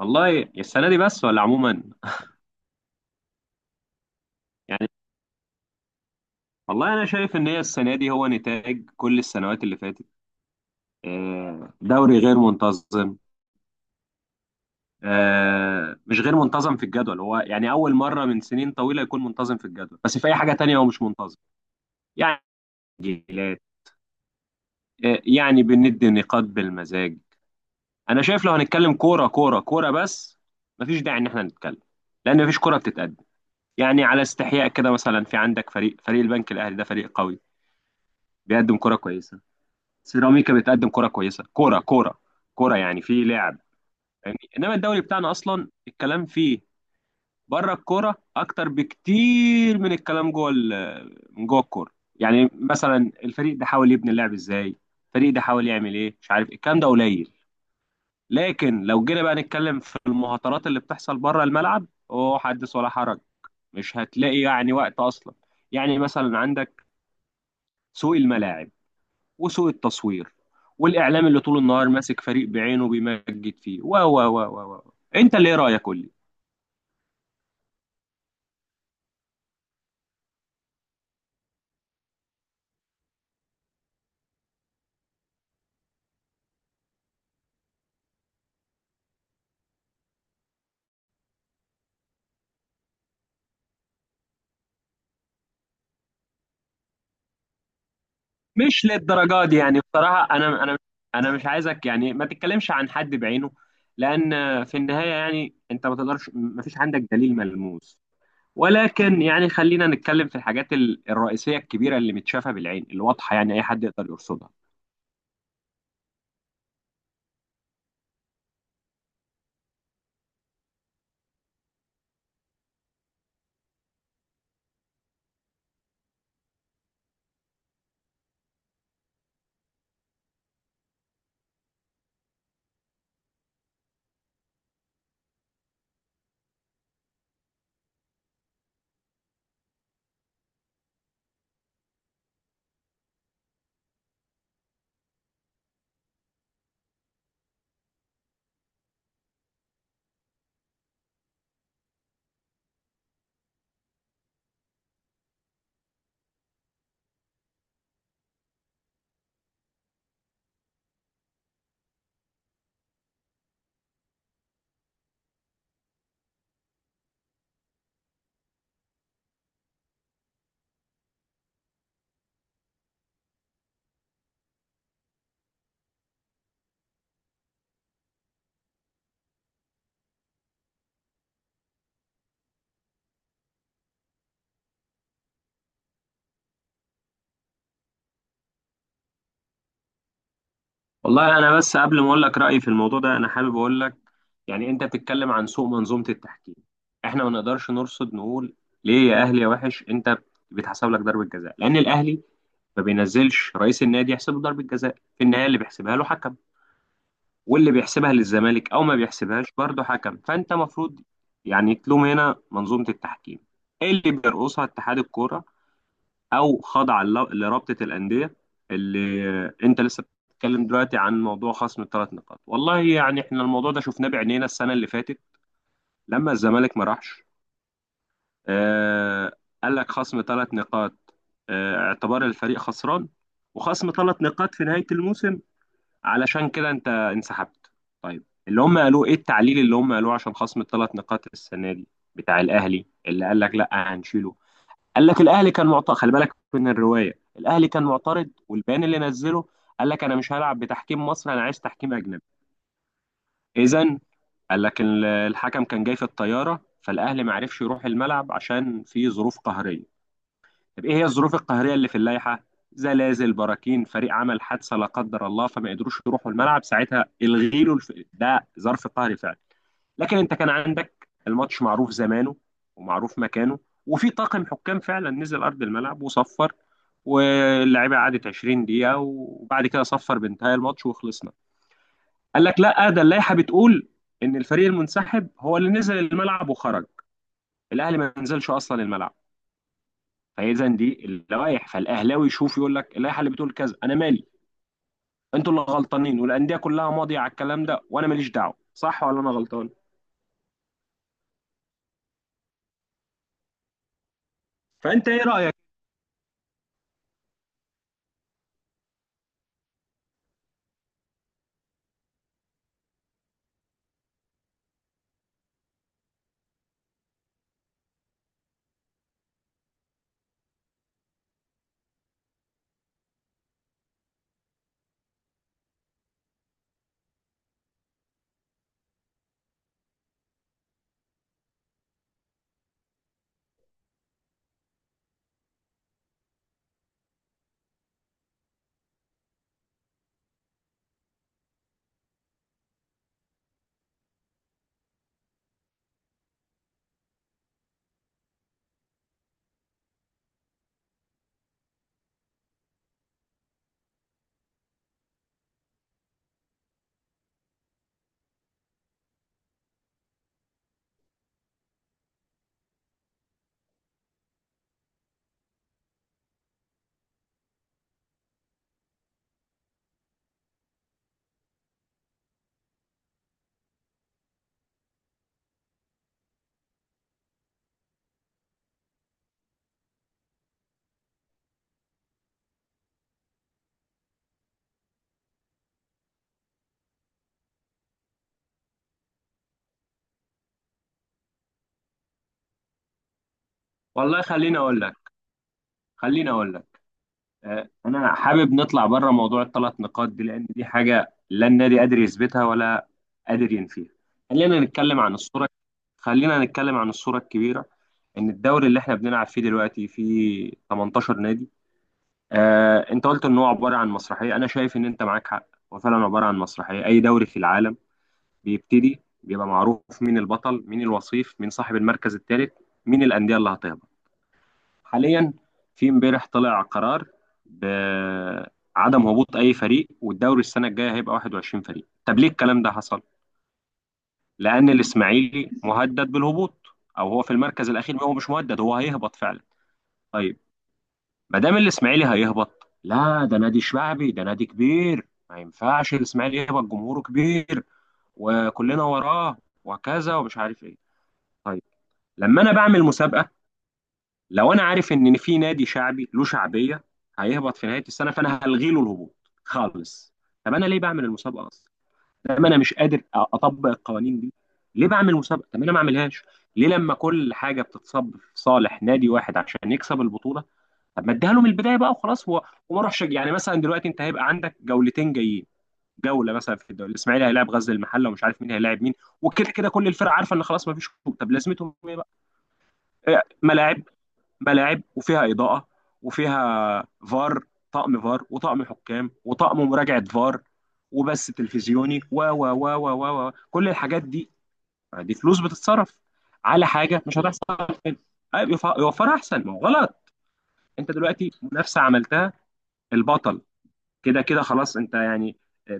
والله السنة دي بس ولا عموما؟ يعني، والله أنا شايف إن هي السنة دي هو نتاج كل السنوات اللي فاتت. آه، دوري غير منتظم. آه، مش غير منتظم في الجدول، هو يعني أول مرة من سنين طويلة يكون منتظم في الجدول، بس في أي حاجة تانية هو مش منتظم. يعني تسجيلات، آه، يعني بندي نقاط بالمزاج. أنا شايف لو هنتكلم كورة كورة كورة بس، مفيش داعي إن إحنا نتكلم، لأن مفيش كورة بتتقدم. يعني على استحياء كده، مثلا في عندك فريق البنك الأهلي، ده فريق قوي، بيقدم كرة كويسة. سيراميكا بتقدم كرة كويسة، كرة كرة يعني في لعب. يعني انما الدوري بتاعنا اصلا الكلام فيه بره الكرة اكتر بكتير من الكلام جوه من جوه الكرة، يعني مثلا الفريق ده حاول يبني اللعب ازاي، الفريق ده حاول يعمل ايه مش عارف إيه. الكلام ده قليل. لكن لو جينا بقى نتكلم في المهاترات اللي بتحصل بره الملعب، اوه حدث ولا حرج. مش هتلاقي يعني وقت اصلا. يعني مثلا عندك سوق الملاعب وسوء التصوير والاعلام اللي طول النهار ماسك فريق بعينه بيمجد فيه و و و و و انت اللي ايه رايك قول لي. مش للدرجه دي يعني بصراحه، انا انا مش عايزك، يعني ما تتكلمش عن حد بعينه، لان في النهايه يعني انت ما تقدرش، ما فيش عندك دليل ملموس. ولكن يعني خلينا نتكلم في الحاجات الرئيسيه الكبيره اللي متشافه بالعين، اللي واضحه يعني اي حد يقدر يرصدها. والله انا بس قبل ما اقول لك رايي في الموضوع ده، انا حابب اقول لك يعني انت بتتكلم عن سوء منظومه التحكيم. احنا ما نقدرش نرصد نقول ليه يا اهلي يا وحش انت بيتحسب لك ضربه جزاء، لان الاهلي ما بينزلش رئيس النادي يحسبه ضربه جزاء، في النهايه اللي بيحسبها له حكم، واللي بيحسبها للزمالك او ما بيحسبهاش برضه حكم. فانت مفروض يعني تلوم هنا منظومه التحكيم، ايه اللي بيرقصها اتحاد الكوره او خاضع لرابطه الانديه. اللي انت لسه بتتكلم دلوقتي عن موضوع خصم الـ3 نقاط، والله يعني احنا الموضوع ده شفناه بعينينا السنه اللي فاتت لما الزمالك ما راحش. آه، قال لك خصم 3 نقاط، آه، اعتبار الفريق خسران، وخصم 3 نقاط في نهايه الموسم، علشان كده انت انسحبت. طيب اللي هم قالوه ايه؟ التعليل اللي هم قالوه عشان خصم الـ3 نقاط السنه دي بتاع الاهلي اللي قال لك لا هنشيله. قال لك الاهلي كان معترض، خلي بالك من الروايه، الاهلي كان معترض والبيان اللي نزله، قال لك انا مش هلعب بتحكيم مصري، انا عايز تحكيم اجنبي. اذا قال لك الحكم كان جاي في الطياره، فالاهلي ما عرفش يروح الملعب عشان في ظروف قهريه. طب ايه هي الظروف القهريه اللي في اللائحه؟ زلازل، براكين، فريق عمل حادثه لا قدر الله فما قدروش يروحوا الملعب ساعتها، الغي له ده ظرف قهري فعلا. لكن انت كان عندك الماتش معروف زمانه ومعروف مكانه، وفي طاقم حكام فعلا نزل ارض الملعب وصفر، واللعيبه قعدت 20 دقيقه، وبعد كده صفر بانتهاء الماتش وخلصنا. قال لك لا، ده اللائحه بتقول ان الفريق المنسحب هو اللي نزل الملعب وخرج، الاهلي ما نزلش اصلا الملعب. فاذا دي اللوائح فالاهلاوي يشوف يقول لك اللائحه اللي بتقول كذا انا مالي، انتوا اللي غلطانين، والانديه كلها ماضيه على الكلام ده وانا ماليش دعوه. صح ولا انا غلطان؟ فانت ايه رايك؟ والله خليني اقول لك. آه، انا حابب نطلع بره موضوع الـ3 نقاط دي، لان دي حاجه لا النادي قادر يثبتها ولا قادر ينفيها. خلينا نتكلم عن الصوره، خلينا نتكلم عن الصوره الكبيره. ان الدوري اللي احنا بنلعب فيه دلوقتي فيه 18 نادي. آه، انت قلت ان هو عباره عن مسرحيه، انا شايف ان انت معاك حق، هو فعلا عباره عن مسرحيه. اي دوري في العالم بيبتدي بيبقى معروف مين البطل، مين الوصيف، مين صاحب المركز الثالث، مين الانديه اللي هتهبط. حاليا في امبارح طلع قرار بعدم هبوط اي فريق، والدوري السنه الجايه هيبقى 21 فريق. طب ليه الكلام ده حصل؟ لان الاسماعيلي مهدد بالهبوط، او هو في المركز الاخير، هو مش مهدد هو هيهبط فعلا. طيب، ما دام الاسماعيلي هيهبط، لا ده نادي شعبي ده نادي كبير ما ينفعش الاسماعيلي يهبط، جمهوره كبير وكلنا وراه وكذا ومش عارف ايه. طيب، لما انا بعمل مسابقه، لو انا عارف ان في نادي شعبي له شعبيه هيهبط في نهايه السنه فانا هلغي له الهبوط خالص، طب انا ليه بعمل المسابقه اصلا؟ لما انا مش قادر اطبق القوانين دي ليه بعمل مسابقه؟ طب انا ما اعملهاش. ليه لما كل حاجه بتتصب في صالح نادي واحد عشان يكسب البطوله، طب ما اديها له من البدايه بقى وخلاص، وما اروحش يعني مثلا دلوقتي انت هيبقى عندك جولتين جايين، جوله مثلا في الدوري الاسماعيلي هيلاعب غزل المحله، ومش عارف مين هيلاعب مين، وكده كده كل الفرق عارفه ان خلاص ما فيش هبوط. طب لازمتهم ايه بقى؟ إيه، ملاعب، ملاعب وفيها اضاءه وفيها فار، طقم فار وطقم حكام وطقم مراجعه فار وبث تلفزيوني و و و و و و كل الحاجات دي، دي فلوس بتتصرف على حاجه مش هتحصل تاني. أيوة، يوفرها احسن، ما هو غلط. انت دلوقتي منافسه عملتها، البطل كده كده خلاص انت يعني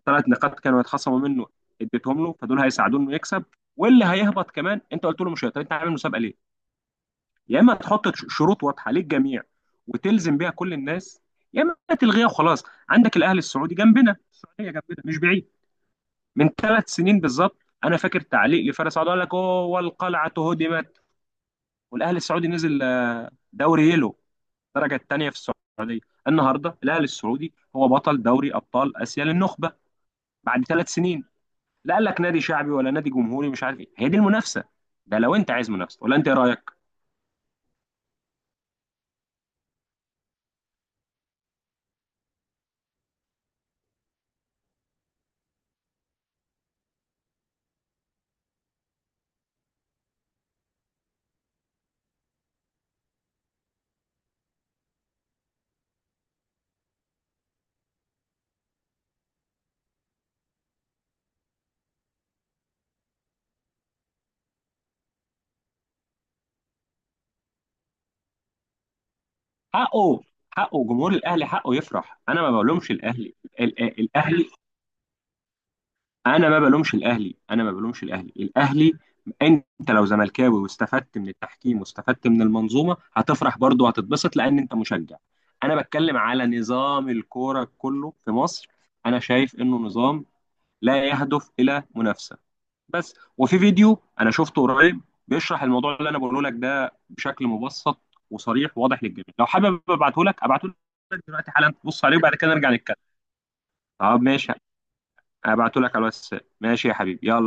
3 نقاط كانوا يتخصموا منه اديتهم له فدول هيساعدوه انه يكسب، واللي هيهبط كمان انت قلت له مش هيقدر، انت عامل مسابقه ليه؟ يا اما تحط شروط واضحه للجميع وتلزم بيها كل الناس، يا اما تلغيها وخلاص. عندك الاهلي السعودي جنبنا، السعوديه جنبنا مش بعيد، من 3 سنين بالظبط انا فاكر تعليق لفارس سعد قال لك اوه القلعه هدمت، والاهلي السعودي نزل آه، دوري يلو، الدرجه الثانيه في السعوديه. النهارده الاهلي السعودي هو بطل دوري ابطال اسيا للنخبه، بعد 3 سنين. لا قال لك نادي شعبي ولا نادي جمهوري مش عارف ايه، هي دي المنافسه ده لو انت عايز منافسه، ولا انت ايه رايك؟ حقه، حقه جمهور الاهلي حقه يفرح، انا ما بلومش الاهلي. الاهلي، انا ما بلومش الاهلي، انا ما بلومش الاهلي. انت لو زملكاوي واستفدت من التحكيم واستفدت من المنظومه هتفرح برضه وهتتبسط لان انت مشجع. انا بتكلم على نظام الكوره كله في مصر، انا شايف انه نظام لا يهدف الى منافسه بس. وفي فيديو انا شفته قريب بيشرح الموضوع اللي انا بقوله لك ده بشكل مبسط وصريح وواضح للجميع، لو حابب ابعته لك ابعته لك دلوقتي حالا تبص عليه وبعد كده نرجع نتكلم. طب ماشي، ابعته لك على الواتساب. ماشي يا حبيبي يلا.